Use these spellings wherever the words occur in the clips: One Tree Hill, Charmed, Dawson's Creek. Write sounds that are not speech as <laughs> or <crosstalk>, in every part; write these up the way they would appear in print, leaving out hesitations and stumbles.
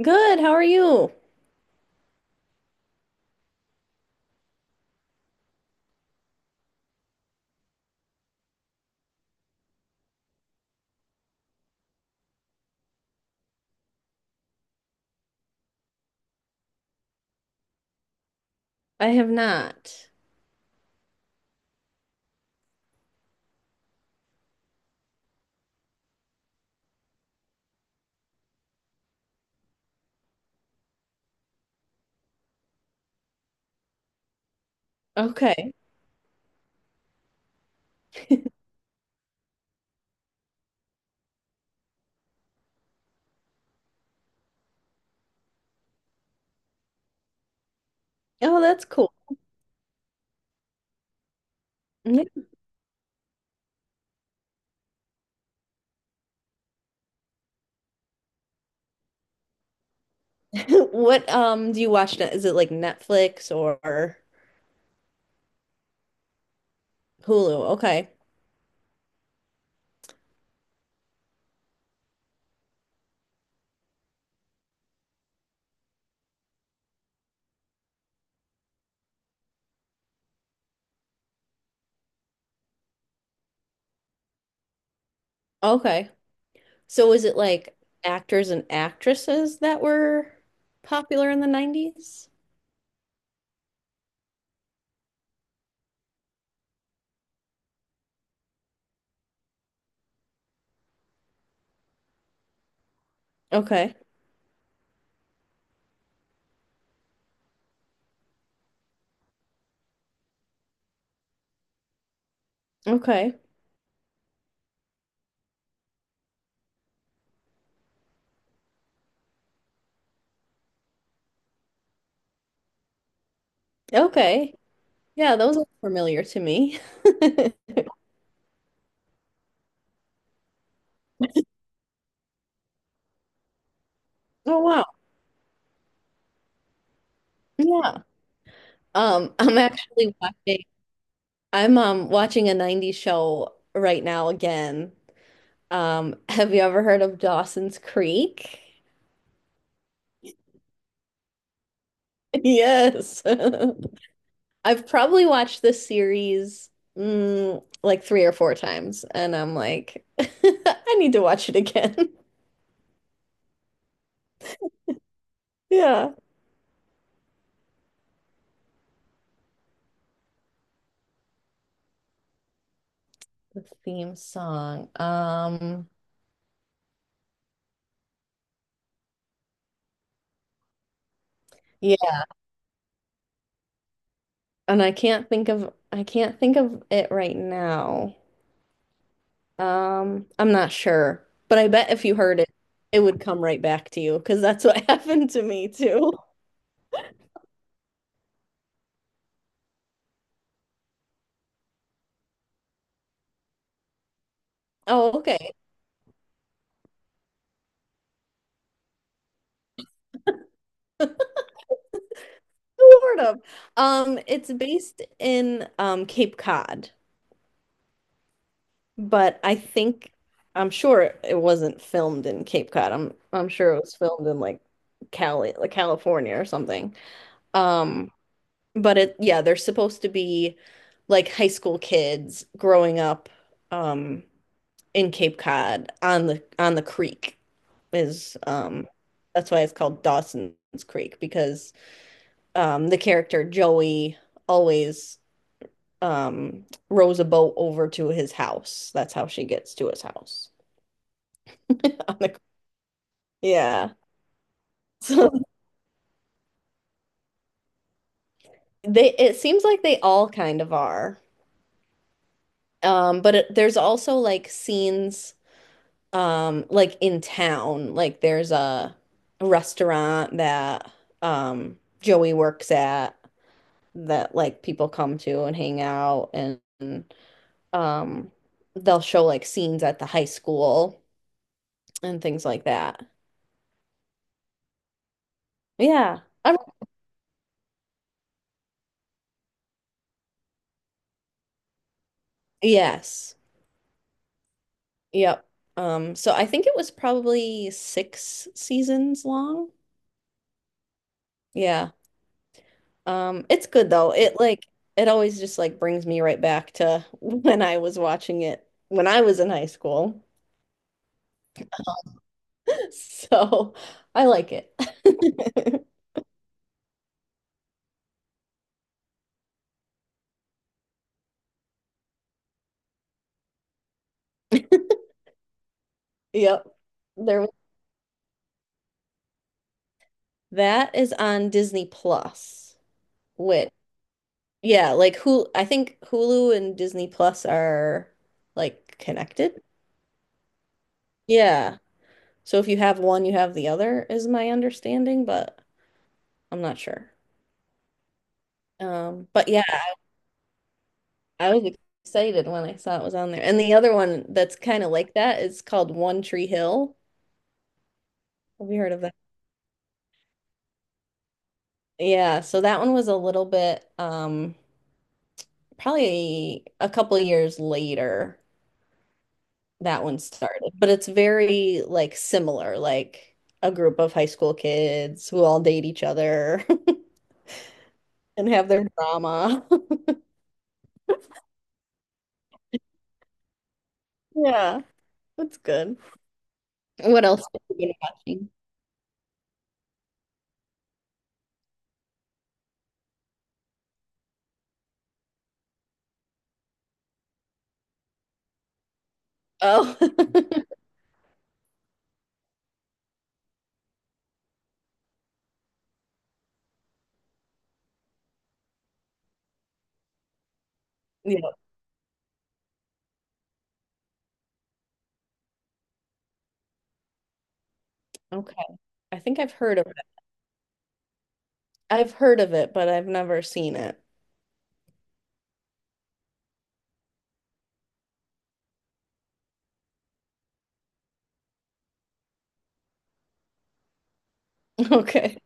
Good. How are you? I have not. Okay. Oh, that's cool. Yeah. <laughs> What do you watch now? Is it like Netflix or Hulu? Okay. Okay. So is it like actors and actresses that were popular in the 90s? Okay. Okay. Okay. Yeah, those are familiar to me. <laughs> Oh wow. Yeah. Um, I'm actually watching I'm watching a 90s show right now again. <laughs> Have you ever heard of Dawson's Creek? <laughs> Yes. <laughs> I've probably watched this series like three or four times, and I'm like, <laughs> I need to watch it again. <laughs> Yeah. The theme song. Yeah, and I can't think of it right now. I'm not sure, but I bet if you heard it, it would come right back to you because that's what <laughs> happened to me too. Oh, okay. Sort of. It's based in Cape Cod, but I'm sure it wasn't filmed in Cape Cod. I'm sure it was filmed in like California or something. Um, but it yeah, they're supposed to be like high school kids growing up um in Cape Cod on the creek is that's why it's called Dawson's Creek because the character Joey always rows a boat over to his house. That's how she gets to his house. <laughs> Yeah. So they it seems like they all kind of are. But there's also like scenes like in town. Like there's a restaurant that Joey works at that like people come to and hang out and um they'll show like scenes at the high school and things like that. Yeah. Yes. Yep. So I think it was probably six seasons long. Yeah. It's good though. It always just like brings me right back to <laughs> when I was watching it when I was in high school. <laughs> So I like it. <laughs> Yep. There was that is on Disney Plus, which yeah, like Hulu, I think Hulu and Disney Plus are like connected. Yeah. So if you have one, you have the other, is my understanding, but I'm not sure. But yeah, I was excited when I saw it was on there. And the other one that's kind of like that is called One Tree Hill. Have you heard of that? Yeah, so that one was a little bit probably a couple of years later that one started, but it's very like similar, like a group of high school kids who all date each other <laughs> and have their drama. <laughs> Yeah, that's good. What else have you been watching? Oh, <laughs> yeah. Okay. I think I've heard of it. I've heard of it, but I've never seen it. <laughs> Okay.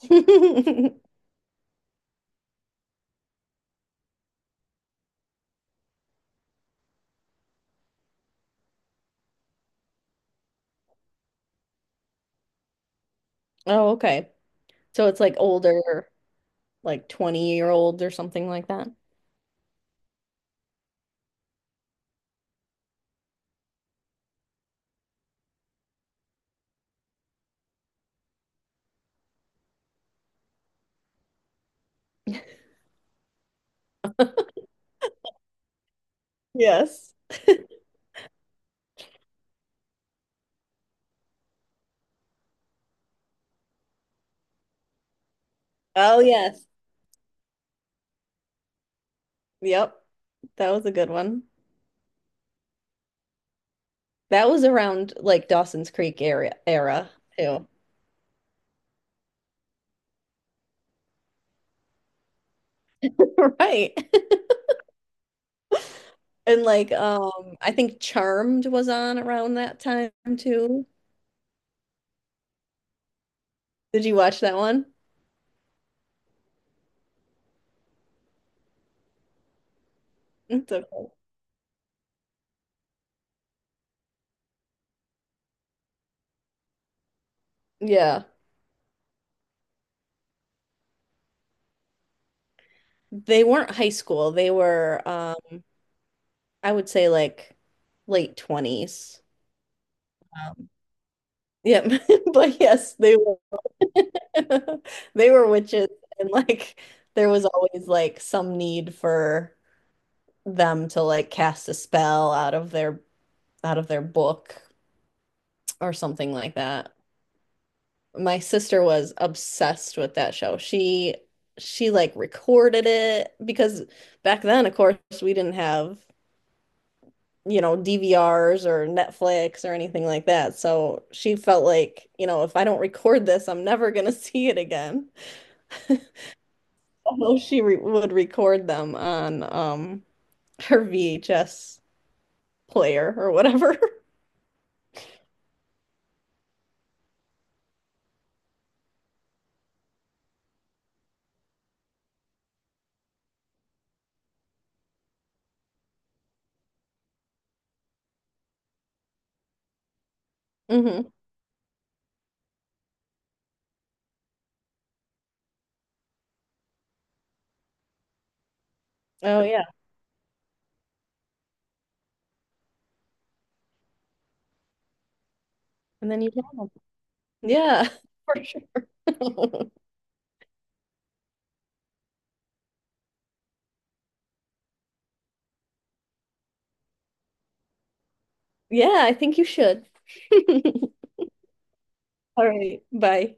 <laughs> Oh, okay. So it's like older, like 20-year-olds or something like that. Yes. Oh, yes. Yep. That was a good one. That was around like Dawson's Creek area era too. <laughs> Right. <laughs> And like I think Charmed was on around that time too. Did you watch that one? It's okay. Yeah. They weren't high school. They were, I would say like late 20s. Um, yeah. <laughs> But yes, they were <laughs> they were witches and like there was always like some need for them to like cast a spell out of their book or something like that. My sister was obsessed with that show. She like recorded it because back then, of course, we didn't have you know, DVRs or Netflix or anything like that. So she felt like, you know, if I don't record this, I'm never gonna <laughs> see it again. Although she re would record them on her VHS player or whatever. <laughs> Hmm. Oh yeah. And then you have them. Yeah, <laughs> for sure. <laughs> Yeah, I think you should. <laughs> All right, bye.